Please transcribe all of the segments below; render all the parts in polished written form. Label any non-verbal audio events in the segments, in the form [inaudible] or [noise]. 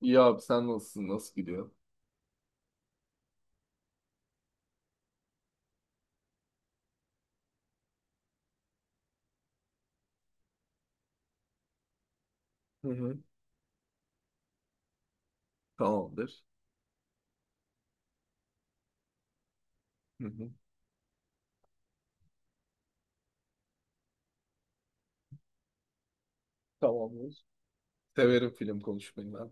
İyi abi, sen nasılsın? Nasıl gidiyor? Hı hı. Tamamdır. Hı hı. Tamamdır. Severim film konuşmayı ben.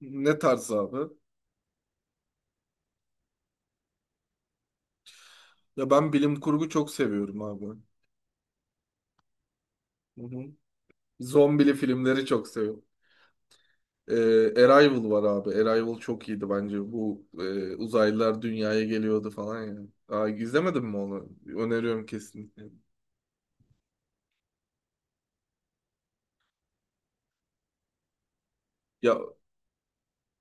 Ne tarz abi? Ya ben bilim kurgu çok seviyorum abi. Hı hı. Zombili filmleri çok seviyorum. Arrival var abi. Arrival çok iyiydi bence. Bu uzaylılar dünyaya geliyordu falan ya. Aa, izlemedin mi onu? Öneriyorum kesinlikle. Ya,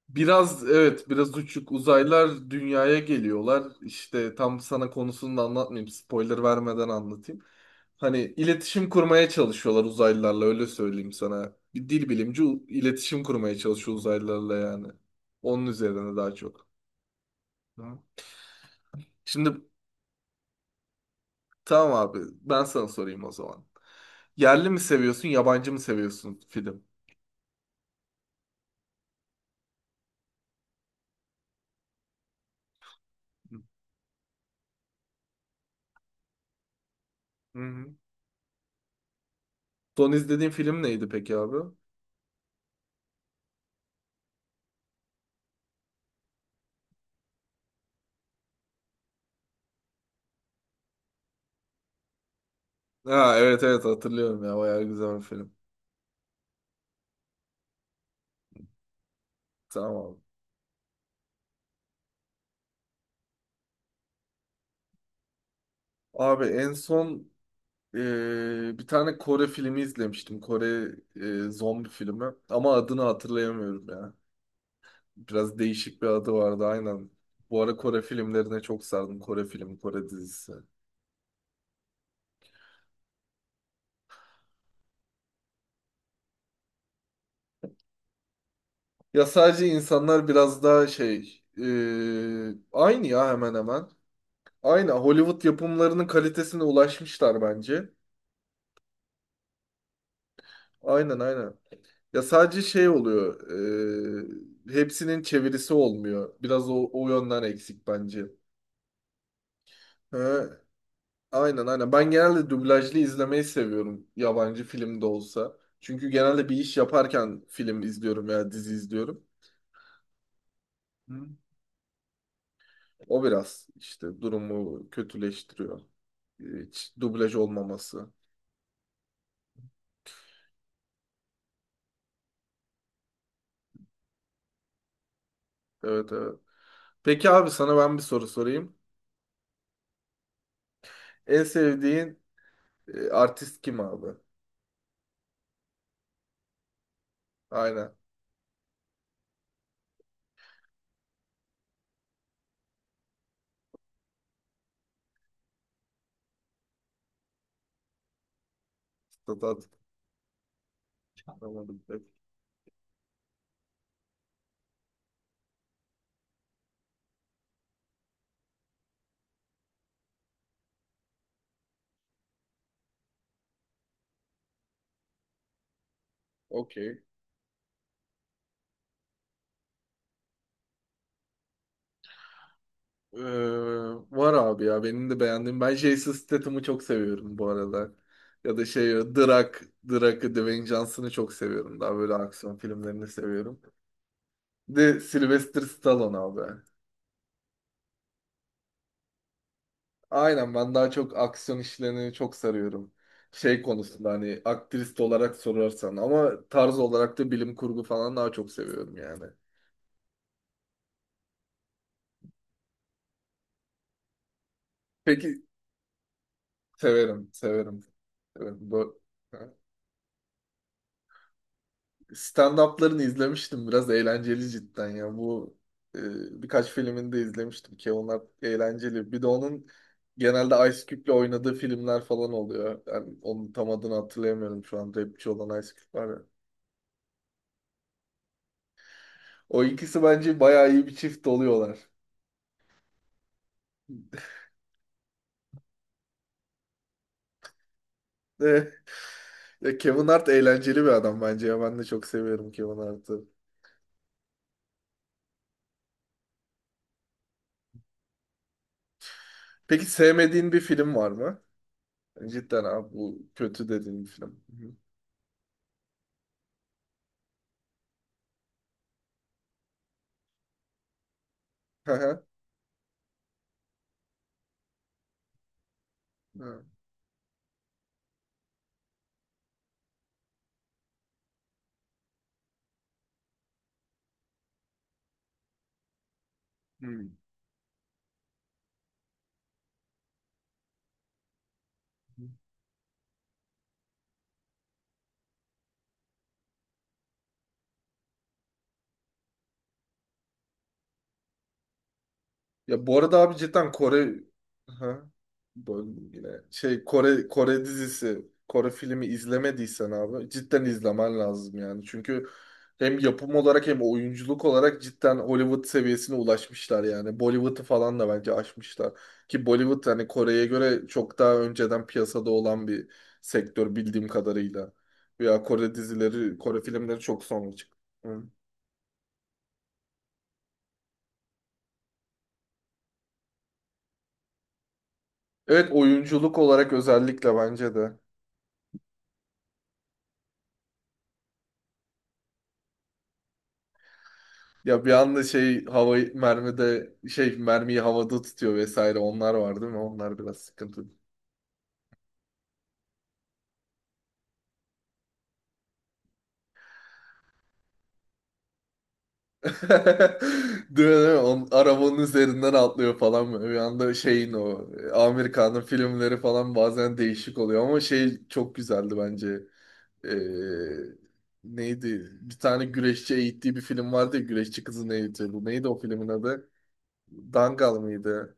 biraz evet, biraz uçuk. Uzaylılar dünyaya geliyorlar. İşte tam sana konusunu da anlatmayayım. Spoiler vermeden anlatayım. Hani iletişim kurmaya çalışıyorlar uzaylılarla, öyle söyleyeyim sana. Bir dil bilimci iletişim kurmaya çalışıyor uzaylılarla yani. Onun üzerine daha çok. Tamam. Şimdi tamam abi, ben sana sorayım o zaman. Yerli mi seviyorsun, yabancı mı seviyorsun film? Hı hı. Son izlediğin film neydi peki abi? Ha, evet evet, hatırlıyorum ya, bayağı güzel bir film. Tamam abi. Abi en son bir tane Kore filmi izlemiştim. Kore zombi filmi. Ama adını hatırlayamıyorum ya. Biraz değişik bir adı vardı, aynen. Bu ara Kore filmlerine çok sardım. Kore filmi, Kore dizisi. Ya sadece insanlar biraz daha şey... aynı ya, hemen hemen. Aynı Hollywood yapımlarının kalitesine ulaşmışlar bence. Aynen aynen. Ya sadece şey oluyor. Hepsinin çevirisi olmuyor. Biraz o yönden eksik bence. Ha, aynen aynen. Ben genelde dublajlı izlemeyi seviyorum. Yabancı film de olsa. Çünkü genelde bir iş yaparken film izliyorum veya dizi izliyorum. Hı. O biraz işte durumu kötüleştiriyor. Hiç dublaj olmaması. Evet evet. Peki abi, sana ben bir soru sorayım. En sevdiğin artist kim abi? Aynen. Stat- Tamam. Okey. Ee, var abi ya, benim de beğendiğim. Ben Jason Statham'ı çok seviyorum bu arada. Ya da şey, Drak, Drak'ı, Dwayne Johnson'ı çok seviyorum. Daha böyle aksiyon filmlerini seviyorum. Bir de Sylvester Stallone abi. Aynen, ben daha çok aksiyon işlerini çok sarıyorum. Şey konusunda, hani aktrist olarak sorarsan, ama tarz olarak da bilim kurgu falan daha çok seviyorum yani. Peki severim, severim, severim. Bu... Stand-up'larını izlemiştim. Biraz eğlenceli cidden ya. Bu birkaç filmini de izlemiştim ki onlar eğlenceli. Bir de onun genelde Ice Cube'le oynadığı filmler falan oluyor. Yani onun tam adını hatırlayamıyorum şu an. Rapçi olan Ice Cube var ya. O ikisi bence bayağı iyi bir çift oluyorlar. [laughs] Ya Kevin Hart eğlenceli bir adam bence ya. Ben de çok seviyorum Kevin Hart'ı. Peki sevmediğin bir film var mı? Cidden abi, bu kötü dediğin bir film. Hı hı. Hı hı. Hı. Ya bu arada abi, cidden Kore... ha, böldüm yine. Şey, Kore dizisi, Kore filmi izlemediysen abi cidden izlemen lazım yani. Çünkü hem yapım olarak hem oyunculuk olarak cidden Hollywood seviyesine ulaşmışlar yani. Bollywood'u falan da bence aşmışlar. Ki Bollywood, hani Kore'ye göre çok daha önceden piyasada olan bir sektör bildiğim kadarıyla. Ya Kore dizileri, Kore filmleri çok sonra çıktı. Hı. Evet oyunculuk olarak özellikle bence de. Ya bir anda şey havayı mermide, şey mermiyi havada tutuyor vesaire, onlar var değil mi? Onlar biraz sıkıntı. [laughs] Değil mi? Değil mi? On, arabanın üzerinden atlıyor falan böyle. Bir anda şeyin Amerika'nın filmleri falan bazen değişik oluyor ama şey çok güzeldi bence. Ee, neydi? Bir tane güreşçi eğittiği bir film vardı ya, güreşçi kızı, neydi? Bu neydi o filmin adı? Dangal mıydı?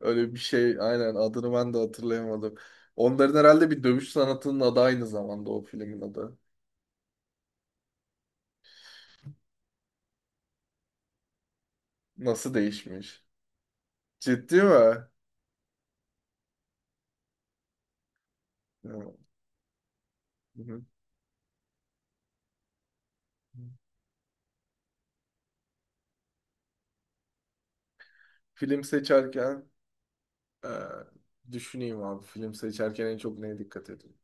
Öyle bir şey aynen, adını ben de hatırlayamadım. Onların herhalde bir dövüş sanatının adı aynı zamanda o filmin adı. Nasıl değişmiş? Ciddi mi? Hı. Hı. Film seçerken e, düşüneyim abi. Film seçerken en çok neye dikkat edeyim?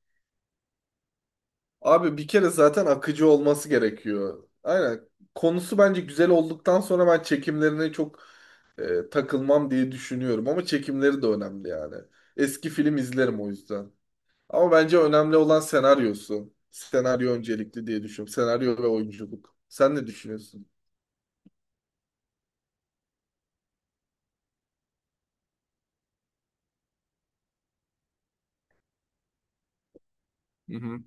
Abi bir kere zaten akıcı olması gerekiyor. Aynen. Konusu bence güzel olduktan sonra ben çekimlerine çok takılmam diye düşünüyorum. Ama çekimleri de önemli yani. Eski film izlerim o yüzden. Ama bence önemli olan senaryosu. Senaryo öncelikli diye düşünüyorum. Senaryo ve oyunculuk. Sen ne düşünüyorsun? Hı hı.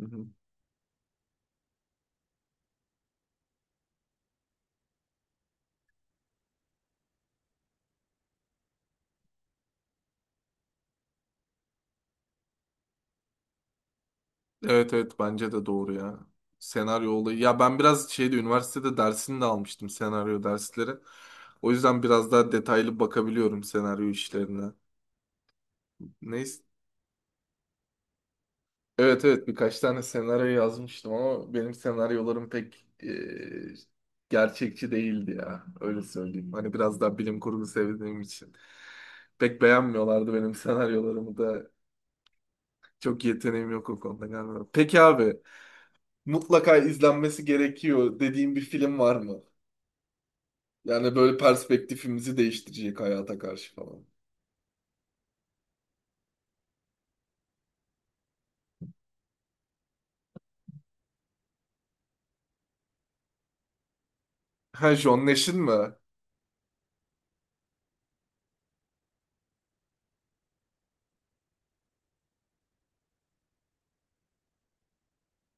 Hı hı. Evet evet, bence de doğru ya. Senaryo olayı. Ya ben biraz şeyde, üniversitede dersini de almıştım, senaryo dersleri. O yüzden biraz daha detaylı bakabiliyorum senaryo işlerine. Neyse. Evet evet, birkaç tane senaryo yazmıştım ama benim senaryolarım pek gerçekçi değildi ya. Öyle söyleyeyim. Hani biraz daha bilim kurgu sevdiğim için. Pek beğenmiyorlardı benim senaryolarımı da. Çok yeteneğim yok o konuda galiba. Peki abi, mutlaka izlenmesi gerekiyor dediğim bir film var mı? Yani böyle perspektifimizi değiştirecek hayata karşı falan. Ha, John Nash'in mi?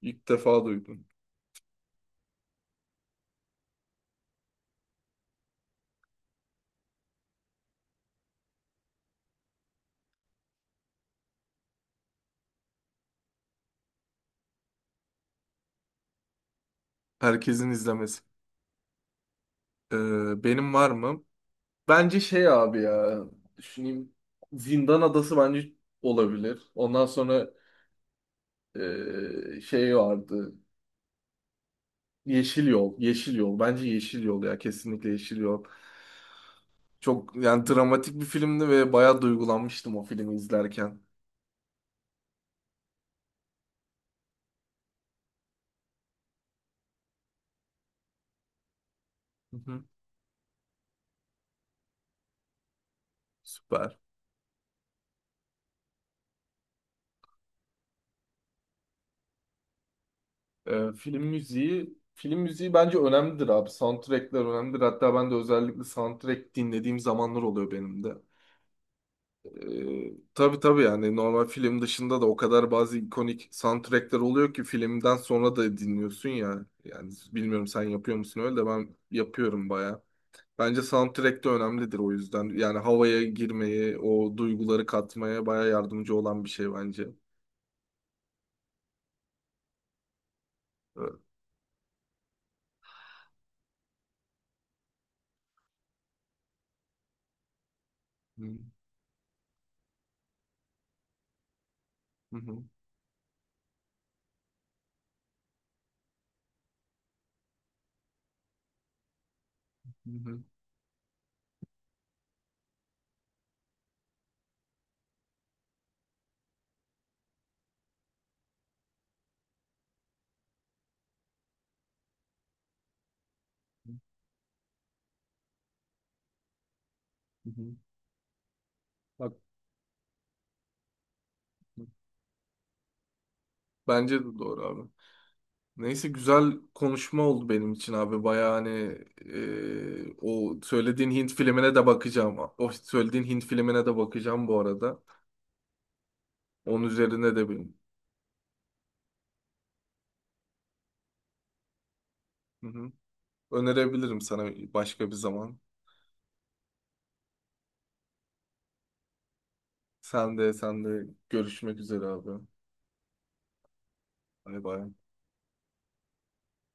İlk defa duydum. Herkesin izlemesi. Ee, benim var mı? Bence şey abi ya, düşüneyim. Zindan Adası bence olabilir. Ondan sonra şey vardı. Yeşil Yol. Yeşil Yol. Bence Yeşil Yol ya, kesinlikle Yeşil Yol. Çok yani dramatik bir filmdi ve bayağı duygulanmıştım o filmi izlerken. Hı hı. Süper. Film müziği bence önemlidir abi. Soundtrack'ler önemlidir. Hatta ben de özellikle soundtrack dinlediğim zamanlar oluyor benim de. Tabii tabii, yani normal film dışında da o kadar bazı ikonik soundtrackler oluyor ki filmden sonra da dinliyorsun ya. Yani bilmiyorum sen yapıyor musun öyle, de ben yapıyorum baya. Bence soundtrack de önemlidir o yüzden. Yani havaya girmeye, o duyguları katmaya baya yardımcı olan bir şey bence. Evet. Hı hı, hı hı, hı hı. Bak. Bence de doğru abi. Neyse, güzel konuşma oldu benim için abi. Baya hani o söylediğin Hint filmine de bakacağım. O söylediğin Hint filmine de bakacağım bu arada. Onun üzerine de benim. Hı hı. Önerebilirim sana başka bir zaman. Sen de, sen de, görüşmek üzere abi. Bay bay.